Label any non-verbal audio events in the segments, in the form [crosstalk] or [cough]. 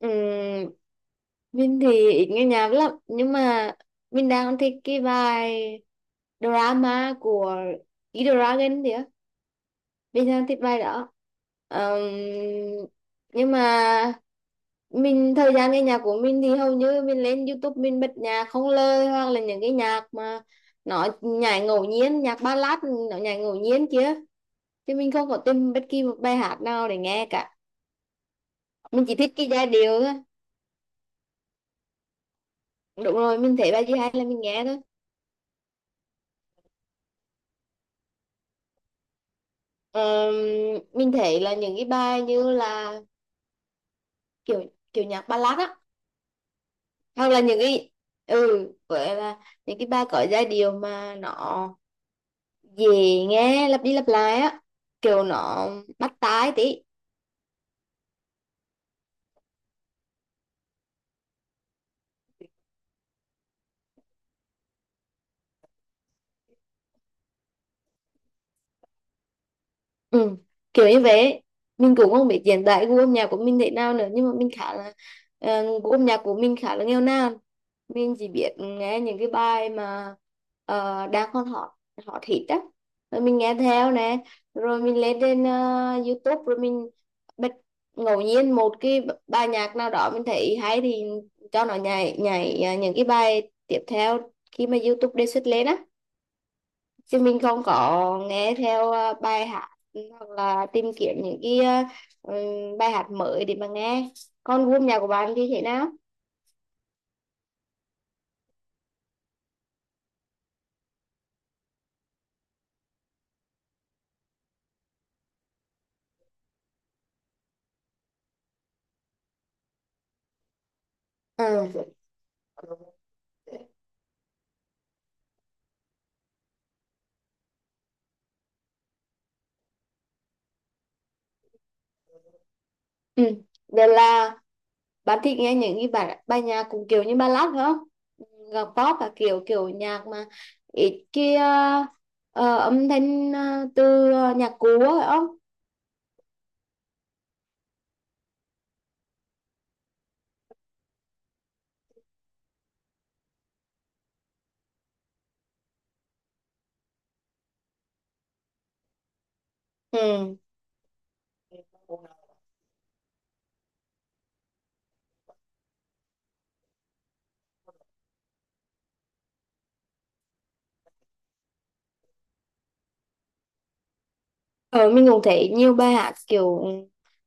Ừ, mình thì ít nghe nhạc lắm, nhưng mà mình đang thích cái bài drama của E-Dragon thì á, mình đang thích bài đó. Ờm, nhưng mà mình, thời gian nghe nhạc của mình thì hầu như mình lên YouTube mình bật nhạc không lời, hoặc là những cái nhạc mà nó nhảy ngẫu nhiên, nhạc ballad nó nhảy ngẫu nhiên kia, chứ mình không có tìm bất kỳ một bài hát nào để nghe cả. Mình chỉ thích cái giai điệu thôi. Đúng rồi, mình thấy bài gì hay là mình nghe thôi. Ờ, mình thấy là những cái bài như là kiểu kiểu nhạc ballad á, hoặc là những cái, ừ, vậy là những cái bài có giai điệu mà nó dễ nghe, lặp đi lặp lại á, kiểu nó bắt tai tí. Ừ, kiểu như vậy. Mình cũng không biết hiện tại gu âm nhạc của mình thế nào nữa, nhưng mà mình khá là gu âm nhạc của mình khá là nghèo nàn. Mình chỉ biết nghe những cái bài mà đang còn hot, hot hit á, rồi mình nghe theo nè, rồi mình lên trên YouTube, rồi mình bật ngẫu nhiên một cái bài nhạc nào đó mình thấy hay, thì cho nó nhảy nhảy những cái bài tiếp theo khi mà YouTube đề xuất lên á, chứ mình không có nghe theo bài hát, hoặc là tìm kiếm những cái bài hát mới để mà nghe. Còn gu âm nhạc của bạn thì thế nào? Ừ. Ừ. Vậy là bạn thích nghe những cái bài bài nhạc cũng kiểu như ballad phải không? Nhạc pop và kiểu kiểu nhạc mà ít kia, âm thanh từ nhạc cũ á, phải không? Ừ. Ờ, mình cũng thấy nhiều bài hát kiểu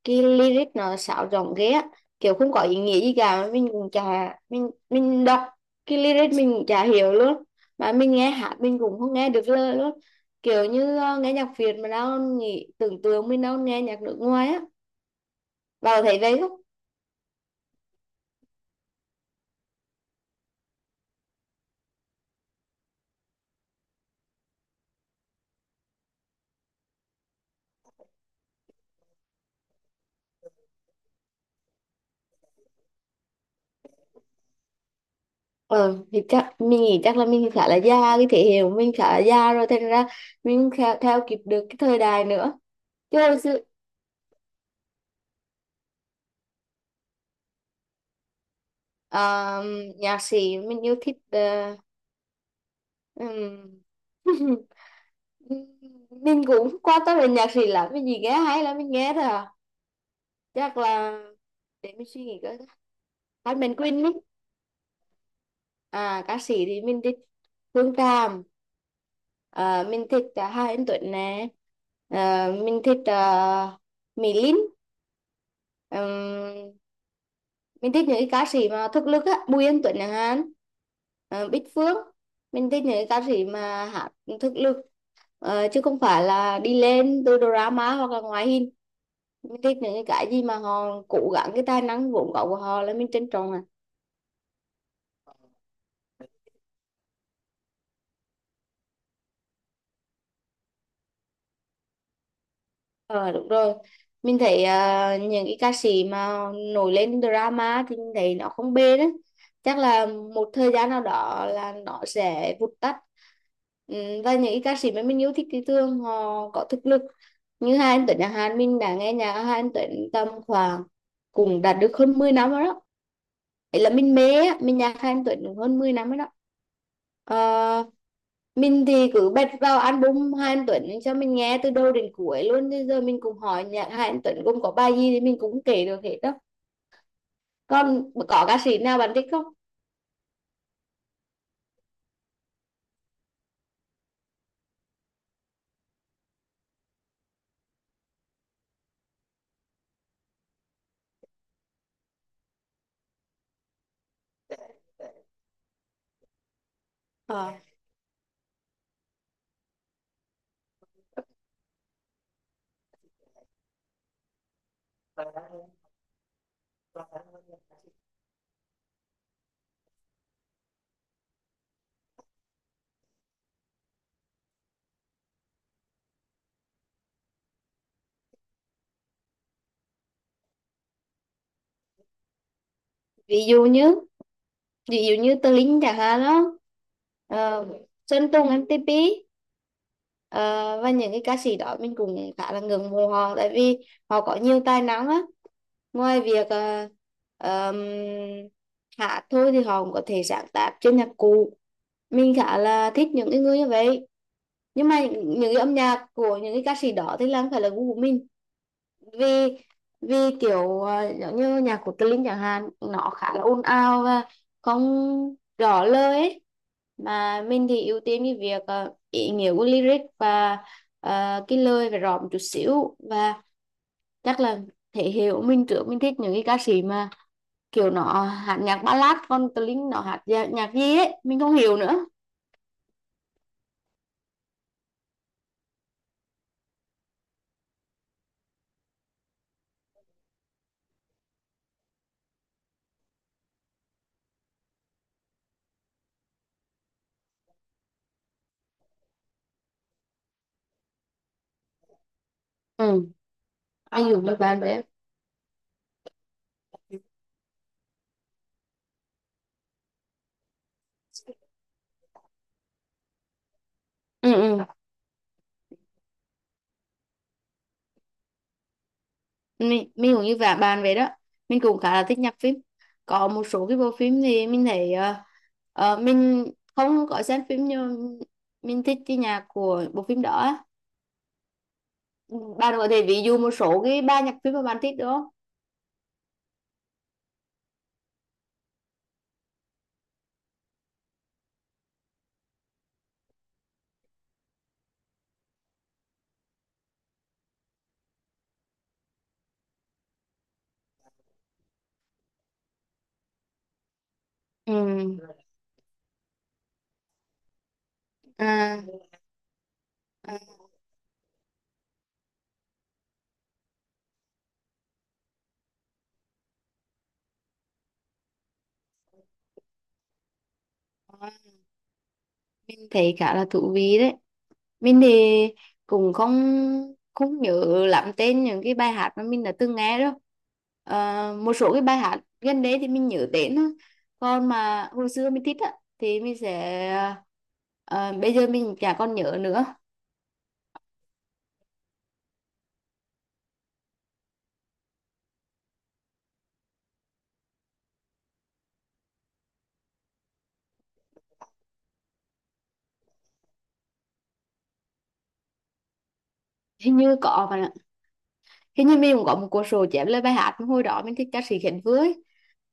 cái lyric nó sáo rỗng ghê á, kiểu không có ý nghĩa gì cả. Mình cũng chả, mình đọc cái lyric mình cũng chả hiểu luôn, mà mình nghe hát mình cũng không nghe được lời luôn. Kiểu như nghe nhạc Việt mà đâu nghĩ, tưởng tượng mình đâu nghe nhạc nước ngoài á. Vào thấy vậy không? Ờ thì chắc mình nghĩ chắc là mình khá là già, cái thế hệ của mình khá là già rồi, thành ra mình theo, theo kịp được cái thời đại nữa. Chứ hồi xưa ờ, nhạc sĩ mình yêu thích Ừm. [laughs] mình cũng qua tâm đến nhạc gì lắm, mình gì nghe hay lắm mình nghe thôi à. Chắc là, để mình suy nghĩ coi. Hát Mạnh Quỳnh ấy. À, ca sĩ thì mình thích Phương Tràm, à, mình thích Hà Anh Tuấn nè, à, mình thích Mỹ Linh. Ừm, mình thích những cái ca sĩ mà thực lực á, Bùi Anh Tuấn chẳng hạn, ờ, Bích Phương. Mình thích những cái ca sĩ mà hát thực lực, chứ không phải là đi lên từ drama hoặc là ngoại hình. Mình thích những cái gì mà họ cố gắng, cái tài năng vốn có của họ là mình trân trọng à. Ờ đúng rồi, mình thấy à, những cái ca sĩ mà nổi lên drama thì mình thấy nó không bền á, chắc là một thời gian nào đó là nó sẽ vụt tắt. Ừ, và những cái ca sĩ mà mình yêu thích thì thường họ có thực lực. Như hai anh Tuấn nhà Hàn, mình đã nghe nhạc hai anh Tuấn tầm khoảng, cũng đạt được hơn 10 năm rồi đó. Vậy là mình mê á, mình nhạc Hà Anh Tuấn được hơn 10 năm rồi đó. Ờ, mình thì cứ bật vào album Hà Anh Tuấn cho mình nghe từ đầu đến cuối luôn. Bây giờ mình cũng hỏi nhạc Hà Anh Tuấn gồm có bài gì thì mình cũng kể được hết đó. Còn có ca sĩ nào bạn thích không? Ờ, ví dụ như ví dụ như Tờ Linh chẳng hạn đó. Ờ, Sơn Tùng MTP. Ờ, và những cái ca sĩ đó mình cũng khá là ngưỡng mộ họ, tại vì họ có nhiều tài năng á. Ngoài việc ờm, hát thôi thì họ cũng có thể sáng tác trên nhạc cụ. Mình khá là thích những cái người như vậy, nhưng mà những cái âm nhạc của những cái ca sĩ đó thì là không phải là gu của mình. Vì vì kiểu giống như nhạc của Tlinh chẳng hạn, nó khá là ồn ào và không rõ lời ấy. Mà mình thì ưu tiên cái việc ý nghĩa của lyric, và cái lời phải rõ một chút xíu. Và chắc là thể hiện của mình trước, mình thích những cái ca sĩ mà kiểu nó hát nhạc ballad, còn Tlinh nó hát nhạc, nhạc gì ấy mình không hiểu nữa. Ừ. À, anh dùng như bạn đấy. Ừ, ừ. Mình cũng như vả bạn vậy đó, mình cũng khá là thích nhạc phim. Có một số cái bộ phim thì mình thấy mình không có xem phim, nhưng mình thích cái nhạc của bộ phim đó á. Ừ, bạn có thể ví dụ một số cái ba nhạc phim mà bạn thích được không? Ừ. À, à, mình thấy khá là thú vị đấy. Mình thì cũng không, không nhớ lắm tên những cái bài hát mà mình đã từng nghe đâu. Ờ, một số cái bài hát gần đấy thì mình nhớ tên thôi, còn mà hồi xưa mình thích á thì mình sẽ, bây giờ mình chả còn nhớ nữa. Hình như có mà, hình như mình cũng có một cuốn sổ chép lời bài hát. Mà hồi đó mình thích ca sĩ Khánh Vưới,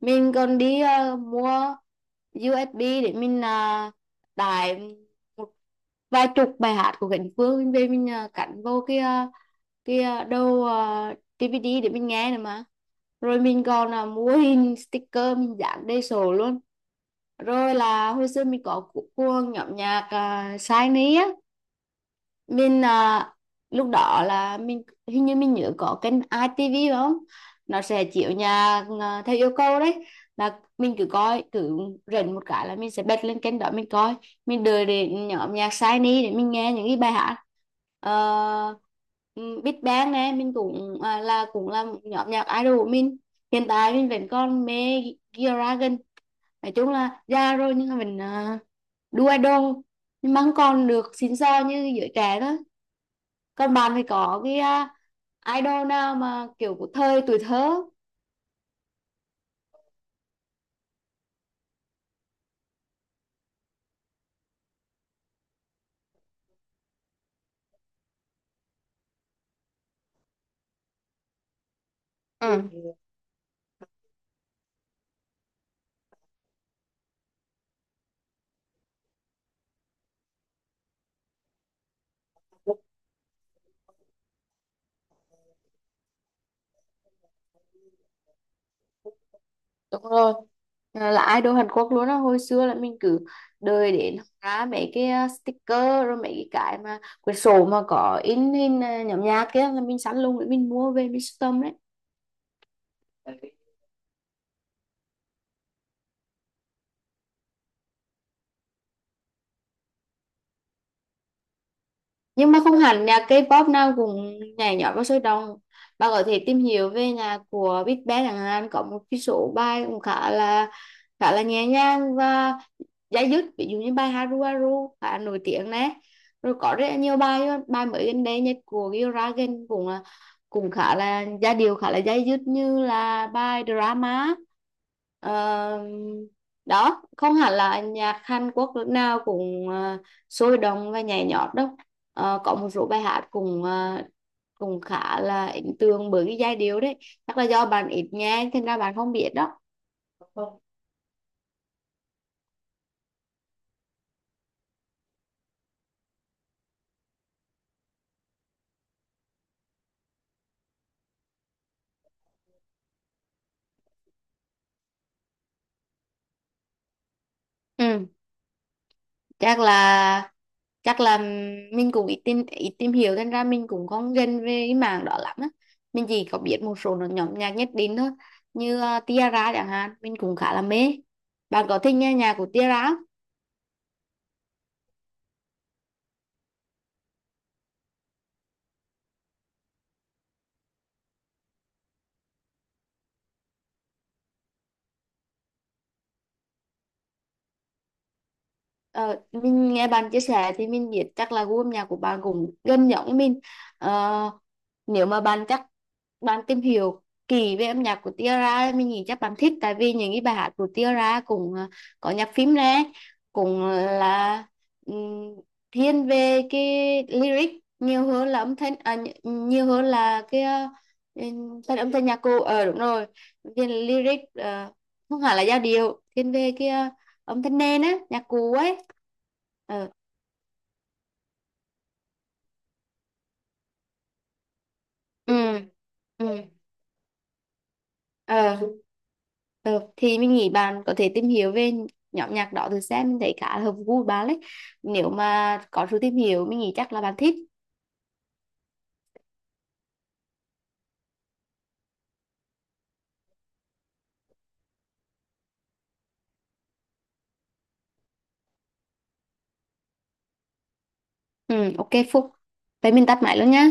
mình còn đi mua USB để mình tải một vài chục bài hát của Cánh Phương mình về, mình à, cắn vô cái à, đầu à, DVD để mình nghe nữa mà. Rồi mình còn là mua hình sticker mình dán đầy sổ luôn. Rồi là hồi xưa mình có cuồng nhóm nhạc Shiny á. Mình à, lúc đó là mình, hình như mình nhớ có kênh ITV phải không, nó sẽ chiếu nhà à, theo yêu cầu đấy. Là mình cứ coi, cứ rảnh một cái là mình sẽ bật lên kênh đó mình coi, mình đợi đến nhóm nhạc Shiny để mình nghe những cái bài hát. Big Bang nè, mình cũng à, là cũng là một nhóm nhạc idol của mình. Hiện tại mình vẫn còn mê G-Dragon. Nói chung là già rồi, nhưng mà mình à, đu idol, nhưng mà không còn được xịn sò như giới trẻ đó. Còn bạn thì có cái à, idol nào mà kiểu của thời tuổi thơ? Ừ, đúng rồi. À, là idol Hàn Quốc luôn á. Hồi xưa là mình cứ đợi đến ra mấy cái à, sticker, rồi mấy cái mà quyển sổ mà có in hình à, nhóm nhạc kia là mình sẵn luôn để mình mua về mình sưu tầm đấy. Nhưng mà không hẳn nhạc K-pop nào cũng nhảy nhót và sôi động. Bạn có thể tìm hiểu về nhạc của Big Bang chẳng hạn, có một cái số bài cũng khá là nhẹ nhàng và giải dứt, ví dụ như bài Haru Haru khá nổi tiếng nè. Rồi có rất là nhiều bài bài mới gần đây nhất của Gil Ragan cũng là, cũng khá là giai điệu, khá là dai dứt, như là bài drama. Ờ, đó không hẳn là nhạc Hàn Quốc lúc nào cũng sôi động và nhảy nhót đâu. Ờ, có một số bài hát cũng ờ, cũng khá là ấn tượng bởi cái giai điệu đấy. Chắc là do bạn ít nghe thành ra bạn không biết đó. Ừ. chắc là chắc là mình cũng ít tìm hiểu thành ra mình cũng không gần về cái mảng đó lắm á. Mình chỉ có biết một số nhóm nhạc nhất định thôi, như ờ, Tiara chẳng hạn, mình cũng khá là mê. Bạn có thích nghe nhạc của Tiara? Ờ, mình nghe bạn chia sẻ thì mình biết chắc là gu âm nhạc của bạn cũng gần giống với mình. Ờ, nếu mà bạn chắc, bạn tìm hiểu kỹ về âm nhạc của Tiara, mình nghĩ chắc bạn thích, tại vì những cái bài hát của Tiara cũng có nhạc phím nè, cũng ờ, là ừm, thiên về cái lyric nhiều hơn là âm thanh, à, nhiều hơn là cái phần âm thanh nhạc cụ. Ờ đúng rồi. Thiên lyric không hẳn là giai điệu, thiên về cái âm thanh nền á, nhạc cụ ấy. Ờ. Ừ. Ừ. Ờ. Ờ, thì mình nghĩ bạn có thể tìm hiểu về nhóm nhạc đó từ xem, mình thấy khá là hợp gu của bạn đấy. Nếu mà có sự tìm hiểu mình nghĩ chắc là bạn thích. Ừ, ok Phúc, vậy mình tắt máy luôn nhá.